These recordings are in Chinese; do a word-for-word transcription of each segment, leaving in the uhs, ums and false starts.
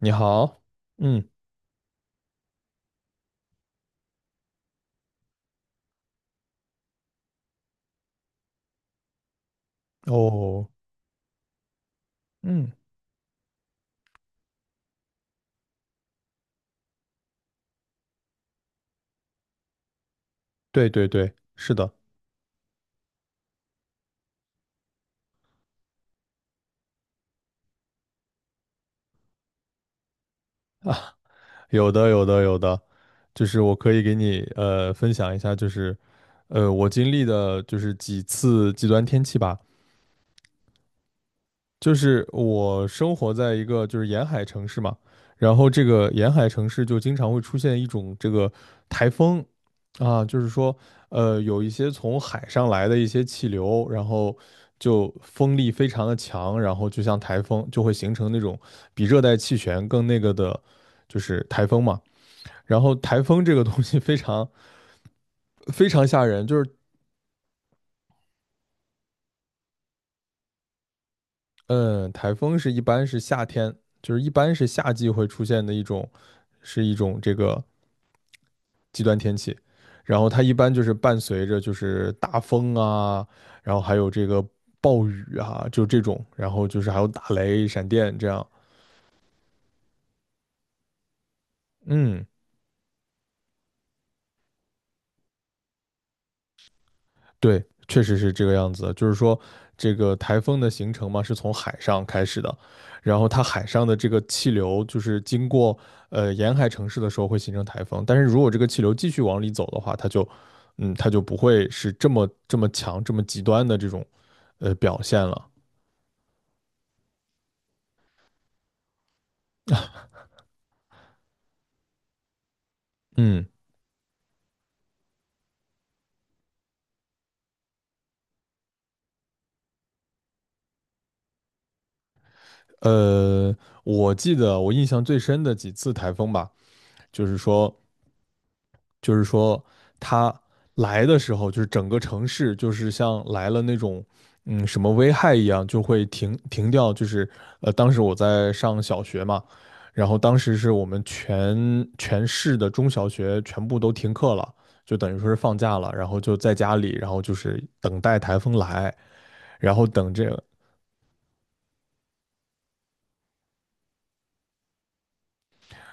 你好。嗯。哦。嗯。对对对，是的。有的有的有的。就是我可以给你呃分享一下，就是呃我经历的就是几次极端天气吧。就是我生活在一个就是沿海城市嘛，然后这个沿海城市就经常会出现一种这个台风啊。就是说，呃，有一些从海上来的一些气流，然后就风力非常的强，然后就像台风，就会形成那种比热带气旋更那个的，就是台风嘛。然后台风这个东西非常非常吓人。就是嗯，台风是一般是夏天，就是一般是夏季会出现的一种，是一种这个极端天气。然后它一般就是伴随着就是大风啊，然后还有这个暴雨啊，就这种，然后就是还有打雷、闪电这样。嗯，对，确实是这个样子。就是说，这个台风的形成嘛，是从海上开始的，然后它海上的这个气流，就是经过呃沿海城市的时候会形成台风。但是如果这个气流继续往里走的话，它就，嗯，它就不会是这么这么强、这么极端的这种呃表现了。嗯，呃，我记得我印象最深的几次台风吧，就是说，就是说他来的时候，就是整个城市就是像来了那种嗯什么危害一样，就会停停掉。就是呃，当时我在上小学嘛，然后当时是我们全全市的中小学全部都停课了，就等于说是放假了，然后就在家里，然后就是等待台风来，然后等这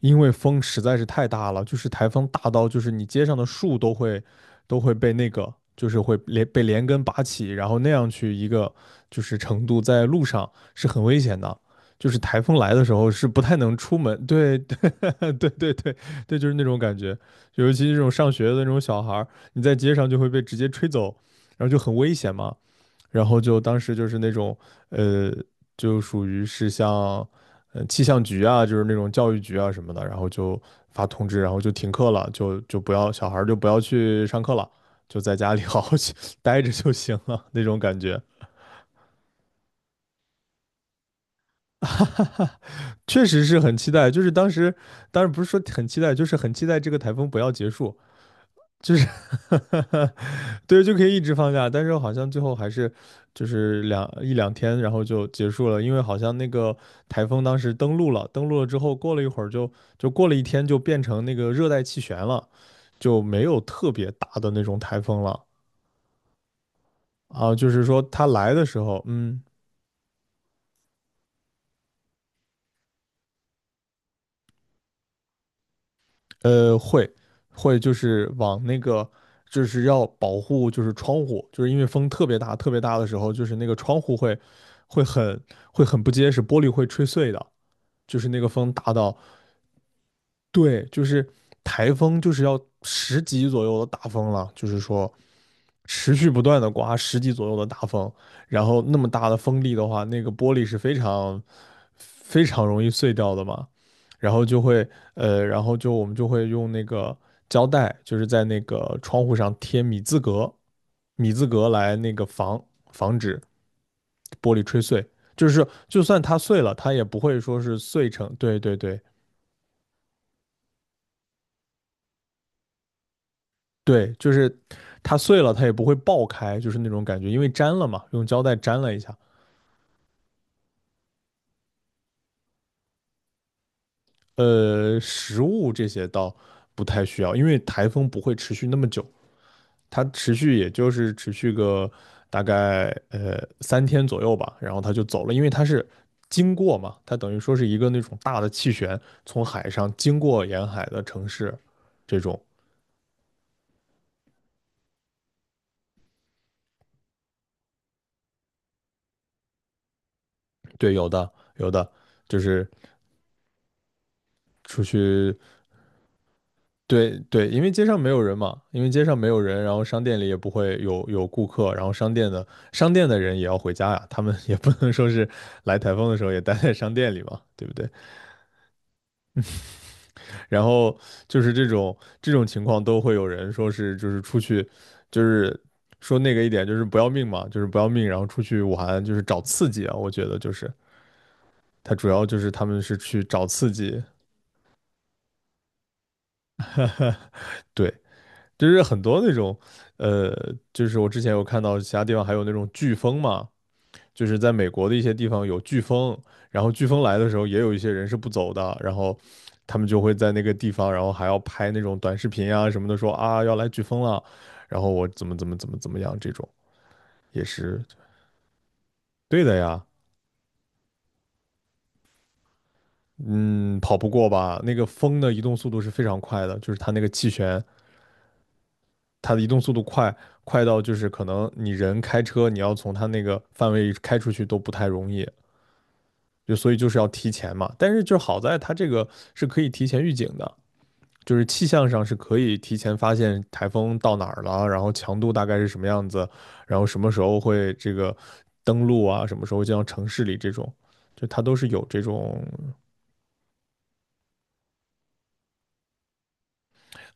因为风实在是太大了，就是台风大到就是你街上的树都会都会被那个就是会连被连根拔起，然后那样去一个就是程度，在路上是很危险的。就是台风来的时候是不太能出门。对对 对对对对，就是那种感觉。尤其这种上学的那种小孩儿，你在街上就会被直接吹走，然后就很危险嘛。然后就当时就是那种呃，就属于是像呃气象局啊，就是那种教育局啊什么的，然后就发通知，然后就停课了，就就不要小孩儿就不要去上课了，就在家里 好好去 待着就行了那种感觉。确实是很期待，就是当时，当然不是说很期待，就是很期待这个台风不要结束。就是对，就可以一直放假，但是好像最后还是就是两一两天，然后就结束了，因为好像那个台风当时登陆了，登陆了之后过了一会儿就就过了一天就变成那个热带气旋了，就没有特别大的那种台风了啊。就是说它来的时候，嗯呃会会就是往那个就是要保护就是窗户，就是因为风特别大特别大的时候，就是那个窗户会会很会很不结实，玻璃会吹碎的。就是那个风大到，对，就是台风就是要十级左右的大风了，就是说持续不断的刮十级左右的大风，然后那么大的风力的话，那个玻璃是非常非常容易碎掉的嘛，然后就会呃，然后就我们就会用那个胶带，就是在那个窗户上贴米字格，米字格来那个防防止玻璃吹碎。就是就算它碎了，它也不会说是碎成，对对对。对，就是它碎了，它也不会爆开，就是那种感觉，因为粘了嘛，用胶带粘了一下。呃，食物这些倒不太需要，因为台风不会持续那么久，它持续也就是持续个大概呃三天左右吧，然后它就走了，因为它是经过嘛，它等于说是一个那种大的气旋从海上经过沿海的城市，这种对。有的有的。就是出去。对对，因为街上没有人嘛，因为街上没有人，然后商店里也不会有有顾客，然后商店的商店的人也要回家呀，他们也不能说是来台风的时候也待在商店里嘛，对不对？然后就是这种这种情况都会有人说是就是出去，就是说那个一点就是不要命嘛，就是不要命，然后出去玩就是找刺激啊，我觉得就是他主要就是他们是去找刺激。对，就是很多那种。呃，就是我之前有看到其他地方还有那种飓风嘛，就是在美国的一些地方有飓风，然后飓风来的时候也有一些人是不走的，然后他们就会在那个地方，然后还要拍那种短视频啊什么的，说啊要来飓风了，然后我怎么怎么怎么怎么样，这种也是对的呀。嗯，跑不过吧？那个风的移动速度是非常快的，就是它那个气旋，它的移动速度快，快到就是可能你人开车，你要从它那个范围开出去都不太容易，就所以就是要提前嘛。但是就好在它这个是可以提前预警的，就是气象上是可以提前发现台风到哪儿了，然后强度大概是什么样子，然后什么时候会这个登陆啊，什么时候进到城市里这种，就它都是有这种。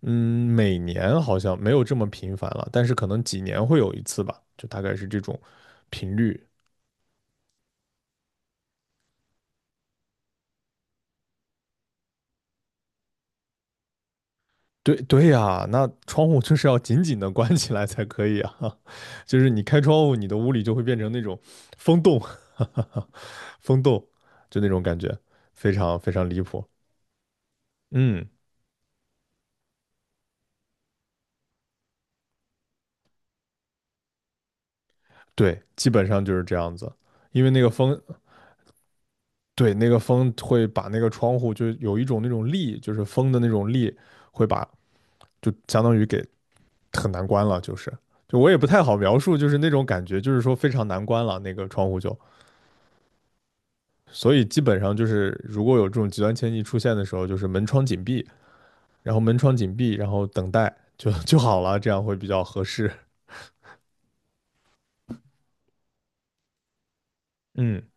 嗯，每年好像没有这么频繁了，但是可能几年会有一次吧，就大概是这种频率。对对呀，那窗户就是要紧紧的关起来才可以啊。就是你开窗户，你的屋里就会变成那种风洞，风洞，就那种感觉，非常非常离谱。嗯，对，基本上就是这样子，因为那个风。对，那个风会把那个窗户就有一种那种力，就是风的那种力，会把就相当于给很难关了，就是，就我也不太好描述，就是那种感觉，就是说非常难关了那个窗户就。所以基本上就是如果有这种极端天气出现的时候，就是门窗紧闭，然后门窗紧闭，然后等待就就好了，这样会比较合适。嗯。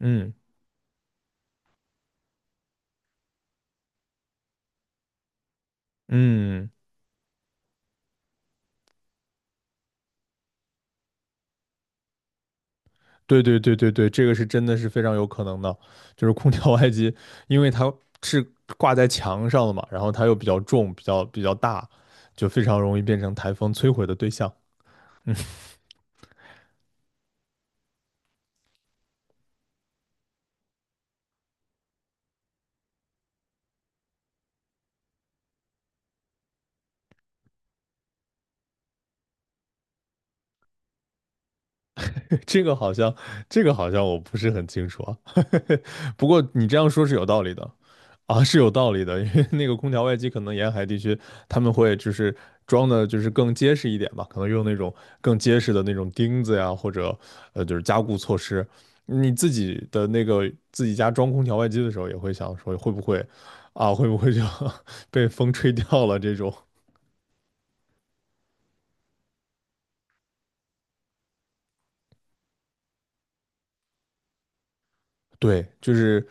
嗯。嗯。对对对对对，这个是真的是非常有可能的，就是空调外机，因为它是挂在墙上的嘛，然后它又比较重，比较比较大，就非常容易变成台风摧毁的对象。这个好像，这个好像我不是很清楚啊。不过你这样说是有道理的啊，是有道理的，因为那个空调外机可能沿海地区他们会就是装的，就是更结实一点吧，可能用那种更结实的那种钉子呀，或者呃就是加固措施。你自己的那个自己家装空调外机的时候，也会想说会不会啊，会不会就 被风吹掉了这种。对，就是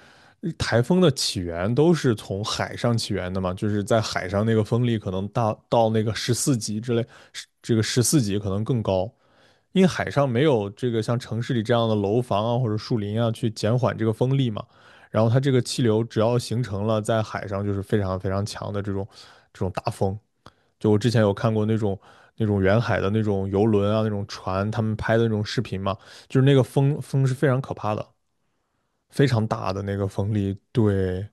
台风的起源都是从海上起源的嘛，就是在海上那个风力可能大到那个十四级之类，是这个十四级可能更高，因为海上没有这个像城市里这样的楼房啊或者树林啊去减缓这个风力嘛，然后它这个气流只要形成了，在海上就是非常非常强的这种这种大风，就我之前有看过那种。那种远海的那种游轮啊，那种船，他们拍的那种视频嘛，就是那个风风是非常可怕的。非常大的那个风力。对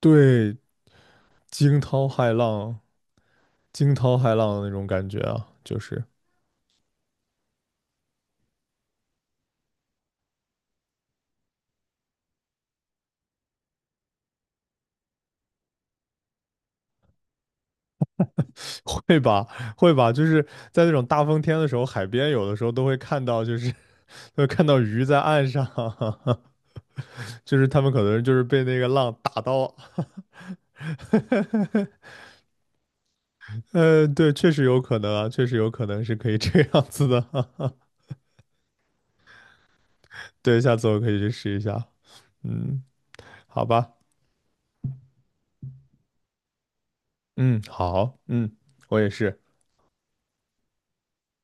对，惊涛骇浪、惊涛骇浪的那种感觉啊，就是 会吧，会吧，就是在那种大风天的时候，海边有的时候都会看到，就是 会看到鱼在岸上，就是他们可能就是被那个浪打到。呃，对，确实有可能啊，确实有可能是可以这样子的。对，下次我可以去试一下。嗯。好吧。嗯，好，嗯，我也是。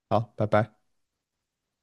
好，拜拜。